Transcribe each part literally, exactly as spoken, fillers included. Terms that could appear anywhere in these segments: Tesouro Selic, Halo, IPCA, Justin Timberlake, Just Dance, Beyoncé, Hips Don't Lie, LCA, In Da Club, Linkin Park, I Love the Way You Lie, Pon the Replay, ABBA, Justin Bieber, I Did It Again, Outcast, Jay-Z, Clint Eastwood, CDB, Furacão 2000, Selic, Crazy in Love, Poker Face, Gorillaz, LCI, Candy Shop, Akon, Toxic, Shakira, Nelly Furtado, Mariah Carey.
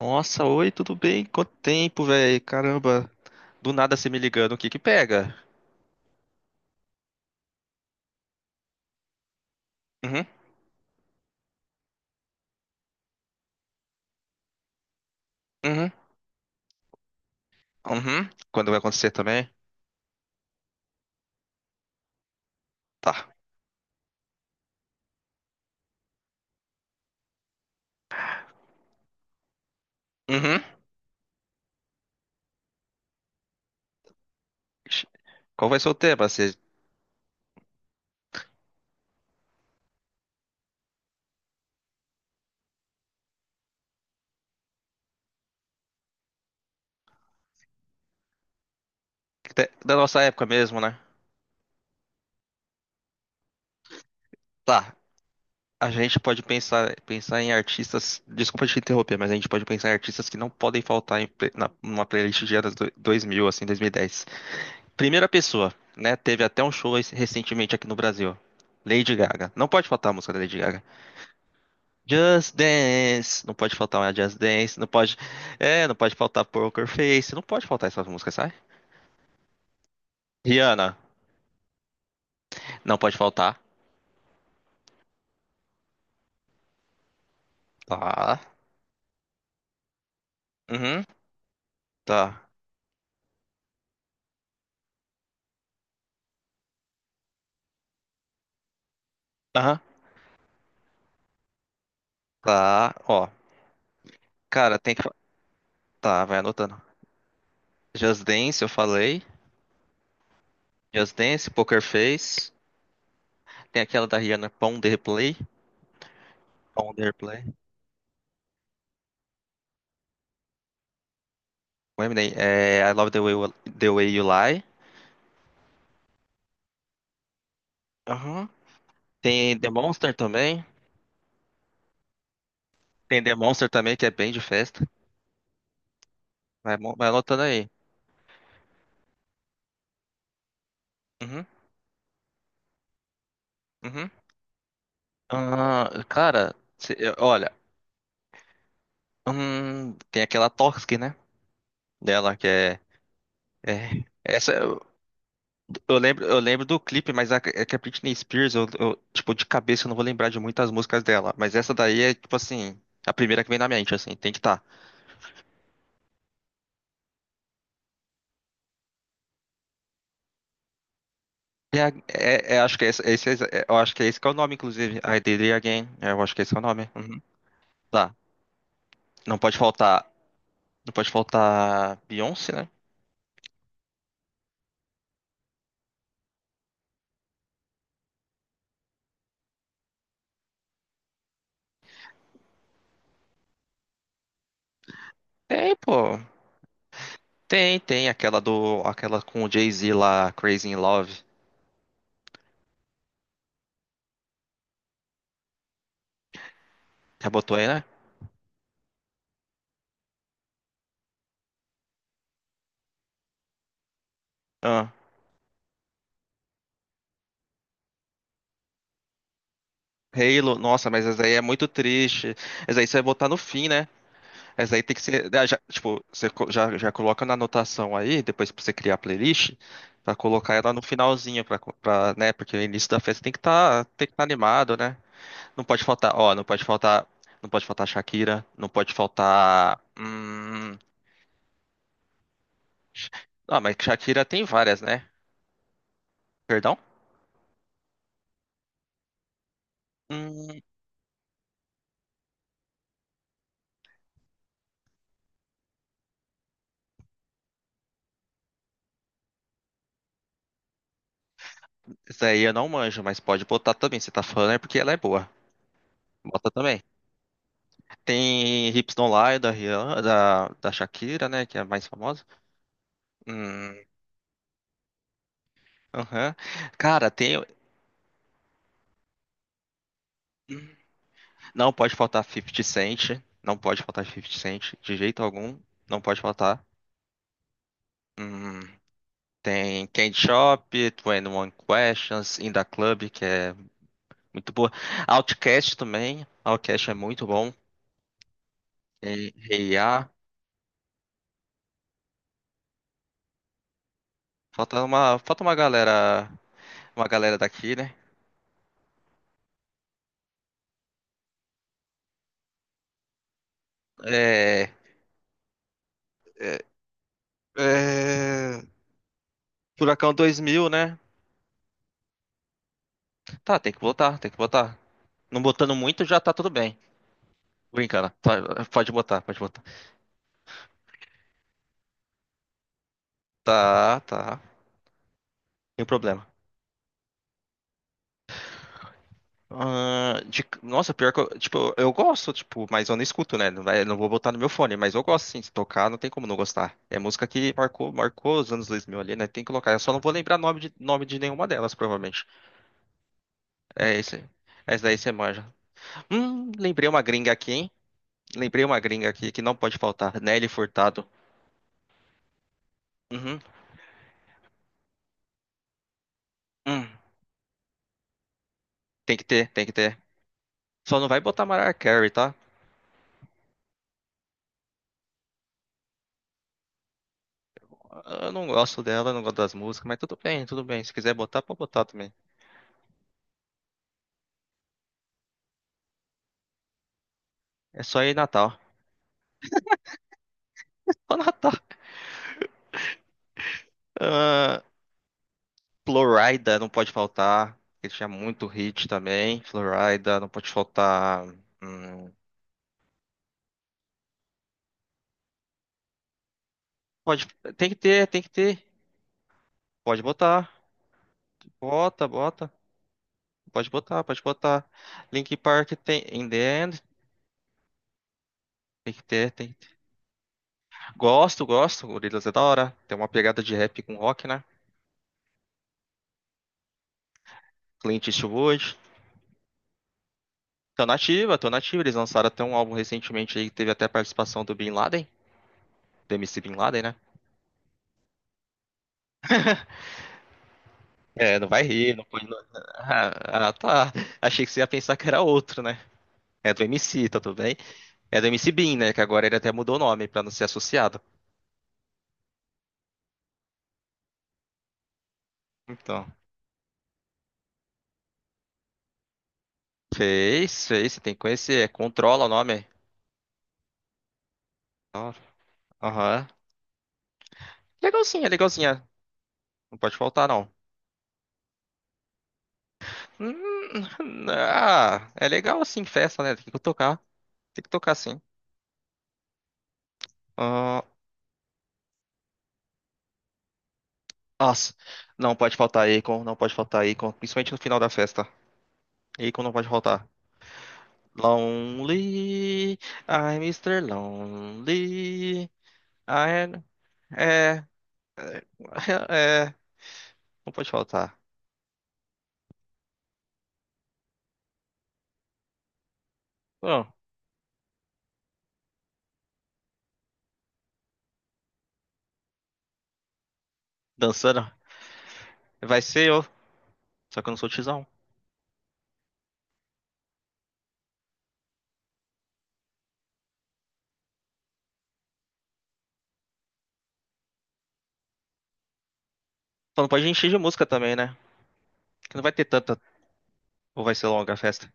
Nossa, oi, tudo bem? Quanto tempo, velho? Caramba, do nada você me ligando, o que que pega? Uhum, uhum, uhum. Quando vai acontecer também? Tá. Uhum. Ixi, qual vai ser o tema? Você... te- Da nossa época mesmo, né? Tá. A gente pode pensar, pensar em artistas. Desculpa te interromper, mas a gente pode pensar em artistas que não podem faltar em, pre- na, numa playlist de anos do- dois mil, assim, dois mil e dez. Primeira pessoa, né? Teve até um show esse- recentemente aqui no Brasil. Lady Gaga. Não pode faltar a música da Lady Gaga. Just Dance, não pode faltar uma Just Dance, não pode, é, não pode faltar Poker Face, não pode faltar essas músicas, sai? Rihanna, não pode faltar, tá? Uhum, tá. Aham, tá. Ó, cara, tem que, fa- tá, vai anotando. Just Dance, eu falei. Just Dance, Poker Face, tem aquela da Rihanna, Pon the Replay, Pon the Replay. O Eminem, é, I Love the Way, You- the Way You Lie. Aham. Tem The Monster também. Tem The Monster também, que é bem de festa. Vai, mo- vai anotando aí. Uhum. Uhum. Ah, cara, cê- olha, hum, tem aquela Toxic, né? Dela que é, é- essa eu, eu lembro, eu lembro do clipe, mas a, é que a Britney Spears, eu, eu, tipo de cabeça eu não vou lembrar de muitas músicas dela, mas essa daí é tipo assim, a primeira que vem na mente, assim, tem que estar. É, a- é, é, acho que é, esse, esse é- eu acho que é esse que é o nome, inclusive. I Did It Again, é, eu acho que é esse é o nome. Uhum. Tá. Não pode faltar, não pode faltar Beyoncé, né? Tem, pô. Tem, tem aquela do, aquela com o Jay-Z lá, Crazy in Love. Já botou aí, né? Ah, Halo, nossa, mas essa aí é muito triste. Essa aí você vai botar no fim, né? Essa aí tem que ser, ah, já- tipo, você co- já, já coloca na anotação aí, depois pra você criar a playlist, pra colocar ela no finalzinho, pra, co- pra, né? Porque o início da festa tem que tá, tem que tá animado, né? Não pode faltar, ó, não pode faltar, não pode faltar Shakira, não pode faltar, hum... Ah, mas Shakira tem várias, né? Perdão? Hum. Isso aí eu não manjo, mas pode botar também. Você tá falando é porque ela é boa. Bota também. Tem Hips Don't Lie da, Rihanna, da, da Shakira, né? Que é a mais famosa. Hum. Aham. Cara, tem. Não pode faltar fifty Cent. Não pode faltar fifty Cent de jeito algum. Não pode faltar. Hum, tem Candy Shop, twenty one Questions, In Da Club, que é muito boa. Outcast também. Outcast é muito bom. E, e, ah, falta uma, falta uma galera uma galera daqui, né? É, é, é, Furacão dois mil, né? Tá, tem que botar, tem que botar. Não botando muito já tá tudo bem. Brincando, tá, pode botar, pode botar. Tá, tá, sem problema. Ah, de- nossa, pior que eu, tipo, eu gosto, tipo, mas eu não escuto, né? Não, vai- não vou botar no meu fone, mas eu gosto sim, se tocar, não tem como não gostar. É música que marcou, marcou os anos dois mil ali, né? Tem que colocar. Eu só não vou lembrar nome de, nome de nenhuma delas, provavelmente. É esse. Essa daí você manja. Hum, lembrei uma gringa aqui, hein? Lembrei uma gringa aqui que não pode faltar. Nelly Furtado. Uhum. Hum. Tem que ter, tem que ter. Só não vai botar Mariah Carey, tá? Eu não gosto dela, eu não gosto das músicas, mas tudo bem, tudo bem. Se quiser botar, pode botar também. É só ir Natal. Só Natal. Ah, Florida não pode faltar. Ele tinha muito hit também. Florida não pode faltar. Hum, pode, tem que ter, tem que ter. Pode botar. Bota, bota. Pode botar, pode botar. Linkin Park tem In The End. Tem que ter, tem. Gosto, gosto. Gorillaz é da hora. Tem uma pegada de rap com rock, né? Clint Eastwood. Tô nativa, tô nativa. Eles lançaram até um álbum recentemente aí que teve até a participação do Bin Laden, do M C Bin Laden, né? É, não vai rir, não pode. não- Ah, ah, tá. Achei que você ia pensar que era outro, né? É do M C, tá tudo bem? É do M C Bin, né? Que agora ele até mudou o nome pra não ser associado. Então. Fez, fez. Você tem que conhecer. Controla o nome. Aham. Legalzinha, legalzinha. Não pode faltar, não. Hum. Ah, é legal assim, festa, né? Tem que tocar. Tem que tocar sim. Ah, nossa, não pode faltar Akon, não pode faltar Akon, principalmente no final da festa. Akon não pode faltar. Lonely, I'm Mister Lonely. I... É, é, não pode faltar. Bom, dançando vai ser eu, só que eu não sou tizão. Só não pode encher de música também, né? Que não vai ter tanta, ou vai ser longa a festa.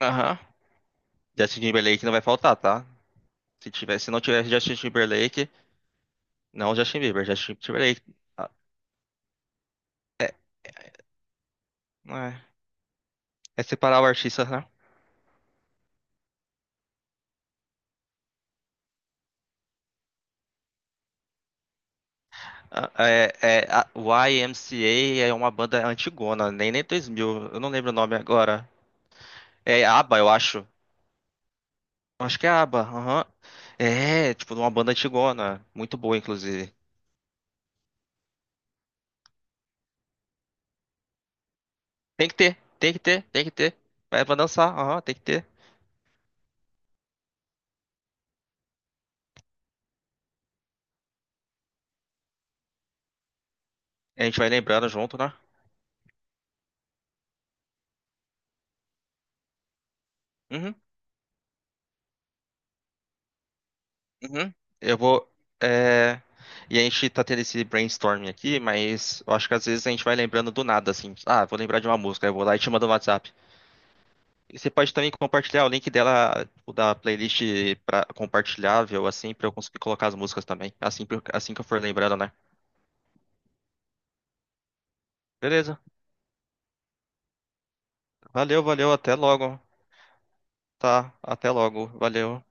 Aham. Justin Timberlake não vai faltar, tá? Se tivesse, se não tivesse Justin Timberlake, não Justin Bieber, Justin Timberlake. Ah, é, não é, é separar o artista, né? Ah, é, é, a Y M C A é uma banda antigona, nem nem dois mil, eu não lembro o nome agora. É ABBA, eu acho. Acho que é ABBA, aham. É, tipo, uma banda antigona, muito boa, inclusive. Tem que ter, tem que ter, tem que ter. Vai pra dançar, aham, tem que ter. A gente vai lembrando junto, né? Uhum. Uhum. Eu vou. é, E a gente tá tendo esse brainstorming aqui, mas eu acho que às vezes a gente vai lembrando do nada, assim. Ah, vou lembrar de uma música, eu vou lá e te mando no WhatsApp. E você pode também compartilhar o link dela, tipo, da playlist pra... compartilhável, assim, pra eu conseguir colocar as músicas também. Assim, que eu- assim que eu for lembrando, né? Beleza. Valeu, valeu, até logo. Tá, até logo. Valeu.